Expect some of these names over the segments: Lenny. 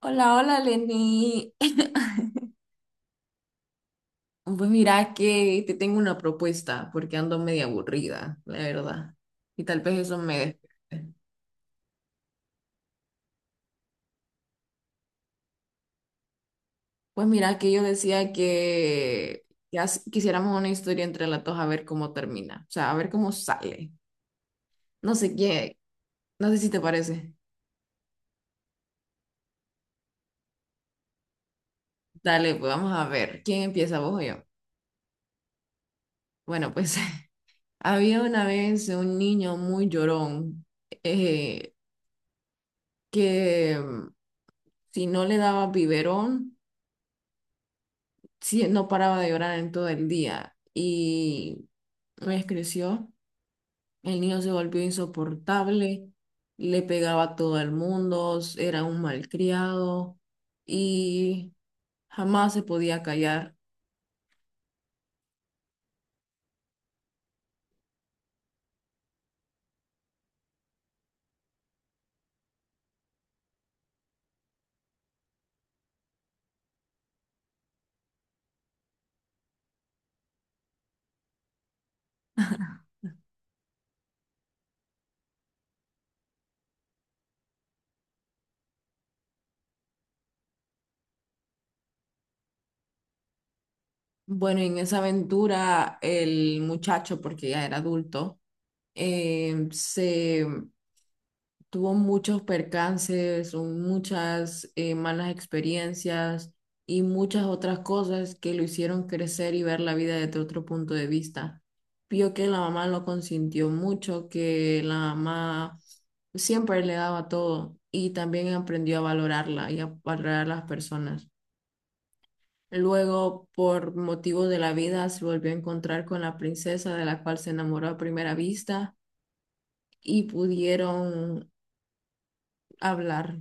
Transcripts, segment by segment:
Hola, hola, Lenny. Pues mira que te tengo una propuesta porque ando media aburrida, la verdad. Y tal vez eso me despierte. Pues mira que yo decía que ya quisiéramos una historia entre las dos a ver cómo termina, o sea, a ver cómo sale. No sé qué, no sé si te parece. Dale, pues vamos a ver. ¿Quién empieza, vos o yo? Bueno, pues había una vez un niño muy llorón eh, que si no le daba biberón sí, no paraba de llorar en todo el día y pues creció, el niño se volvió insoportable, le pegaba a todo el mundo, era un malcriado y jamás se podía callar. Bueno, en esa aventura el muchacho, porque ya era adulto, se tuvo muchos percances, muchas malas experiencias y muchas otras cosas que lo hicieron crecer y ver la vida desde otro punto de vista. Vio que la mamá lo consintió mucho, que la mamá siempre le daba todo y también aprendió a valorarla y a valorar a las personas. Luego, por motivos de la vida, se volvió a encontrar con la princesa de la cual se enamoró a primera vista y pudieron hablar.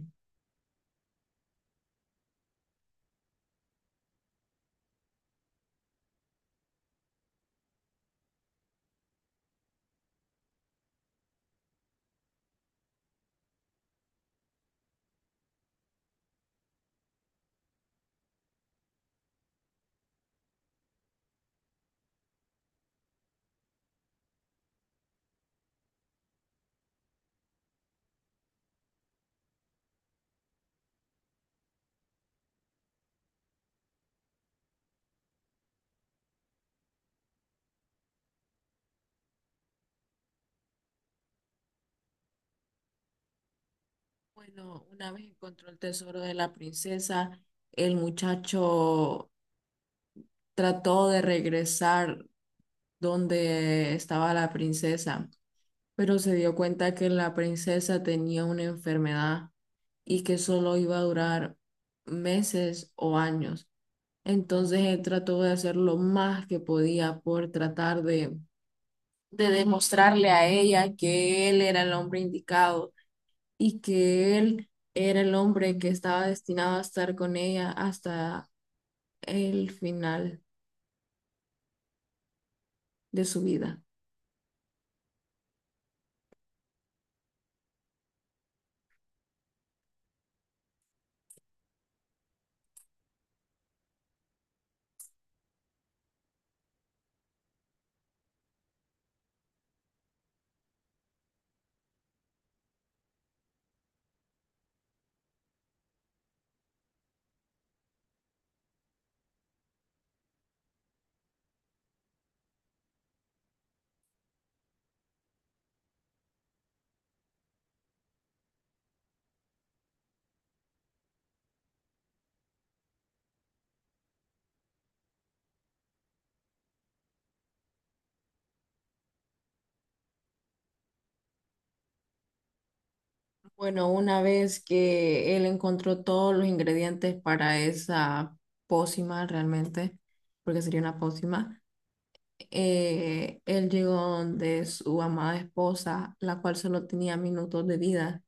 Bueno, una vez encontró el tesoro de la princesa, el muchacho trató de regresar donde estaba la princesa, pero se dio cuenta que la princesa tenía una enfermedad y que solo iba a durar meses o años. Entonces él trató de hacer lo más que podía por tratar de demostrarle a ella que él era el hombre indicado y que él era el hombre que estaba destinado a estar con ella hasta el final de su vida. Bueno, una vez que él encontró todos los ingredientes para esa pócima realmente, porque sería una pócima, él llegó donde su amada esposa, la cual solo tenía minutos de vida.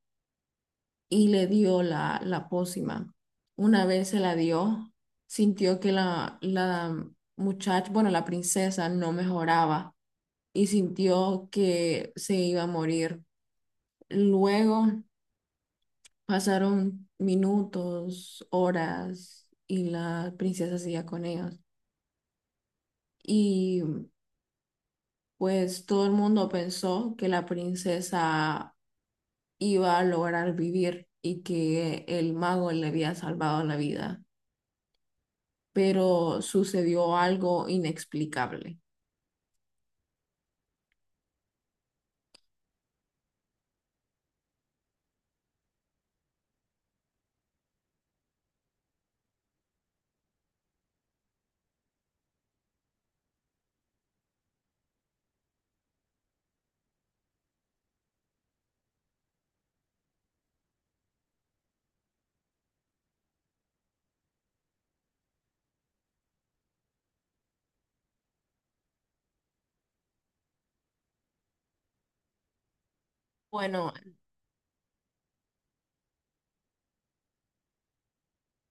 Y le dio la pócima. Una vez se la dio, sintió que la muchacha, bueno, la princesa no mejoraba y sintió que se iba a morir. Luego pasaron minutos, horas y la princesa seguía con ellos. Y pues todo el mundo pensó que la princesa iba a lograr vivir y que el mago le había salvado la vida, pero sucedió algo inexplicable. Bueno,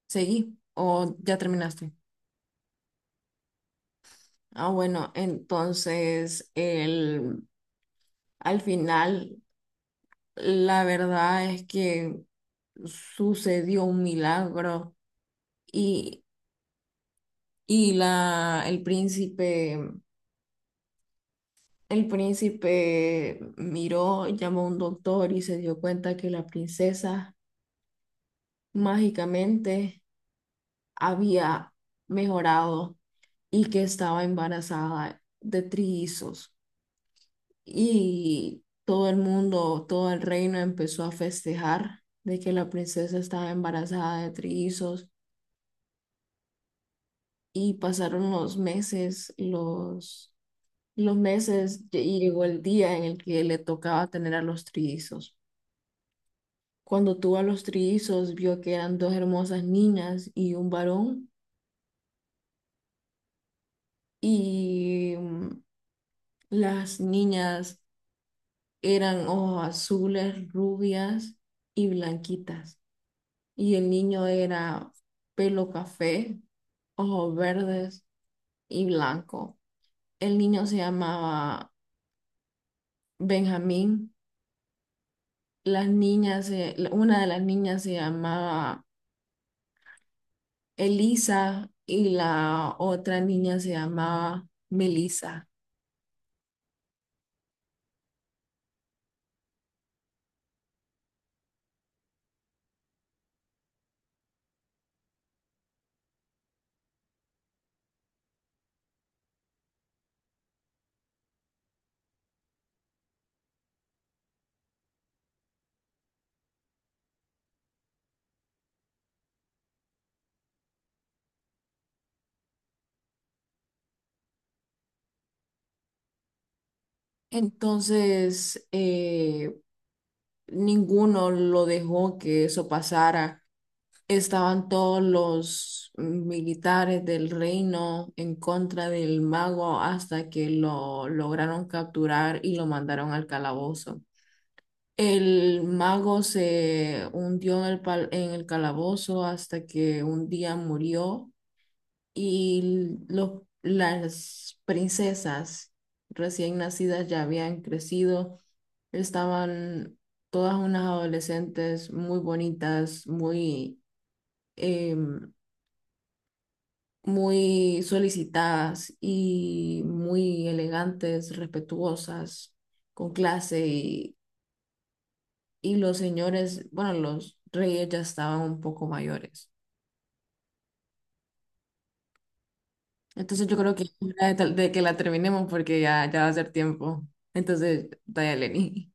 ¿seguí o ya terminaste? Ah, bueno, entonces al final la verdad es que sucedió un milagro y, y el príncipe miró, llamó a un doctor y se dio cuenta que la princesa mágicamente había mejorado y que estaba embarazada de trillizos. Y todo el mundo, todo el reino empezó a festejar de que la princesa estaba embarazada de trillizos. Y pasaron los meses, los meses, y llegó el día en el que le tocaba tener a los trillizos. Cuando tuvo a los trillizos, vio que eran dos hermosas niñas y un varón. Y las niñas eran ojos azules, rubias y blanquitas. Y el niño era pelo café, ojos verdes y blanco. El niño se llamaba Benjamín. Las niñas, una de las niñas se llamaba Elisa y la otra niña se llamaba Melisa. Entonces, ninguno lo dejó que eso pasara. Estaban todos los militares del reino en contra del mago hasta que lo lograron capturar y lo mandaron al calabozo. El mago se hundió en el calabozo hasta que un día murió y las princesas recién nacidas ya habían crecido. Estaban todas unas adolescentes muy bonitas, em, muy solicitadas y muy elegantes, respetuosas, con clase y los señores, bueno, los reyes ya estaban un poco mayores. Entonces yo creo que es hora de que la terminemos porque ya va a ser tiempo. Entonces, dale, Lenny.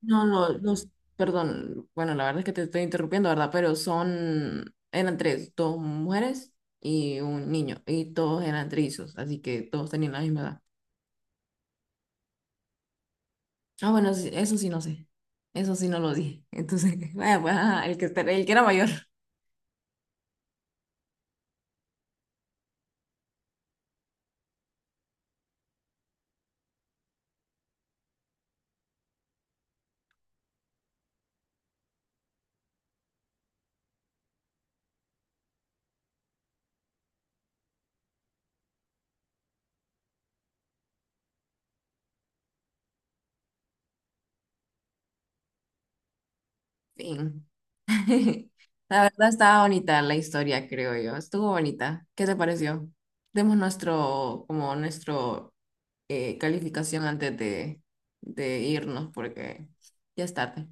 No, no, los, perdón, bueno, la verdad es que te estoy interrumpiendo, ¿verdad? Pero son, eran tres, dos mujeres y un niño, y todos eran trillizos, así que todos tenían la misma edad. Ah, bueno, sí, eso sí no sé. Eso sí no lo dije. Entonces, vaya, pues, ajá, el que era mayor. Fin. La verdad estaba bonita la historia, creo yo. Estuvo bonita. ¿Qué te pareció? Demos nuestro, como nuestro, calificación antes de irnos, porque ya es tarde.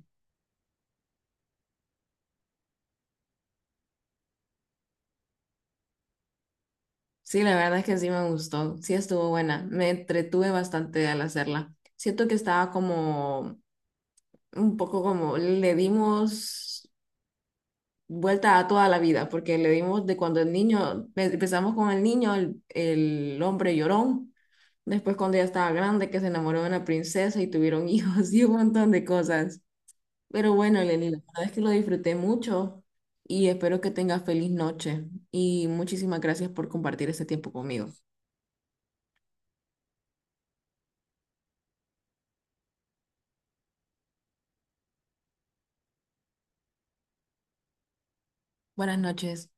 Sí, la verdad es que sí me gustó. Sí estuvo buena. Me entretuve bastante al hacerla. Siento que estaba como un poco como le dimos vuelta a toda la vida, porque le dimos de cuando el niño, empezamos con el niño, el hombre llorón, después cuando ya estaba grande, que se enamoró de una princesa y tuvieron hijos y un montón de cosas. Pero bueno, Lenny, la verdad es que lo disfruté mucho y espero que tengas feliz noche y muchísimas gracias por compartir este tiempo conmigo. Buenas noches.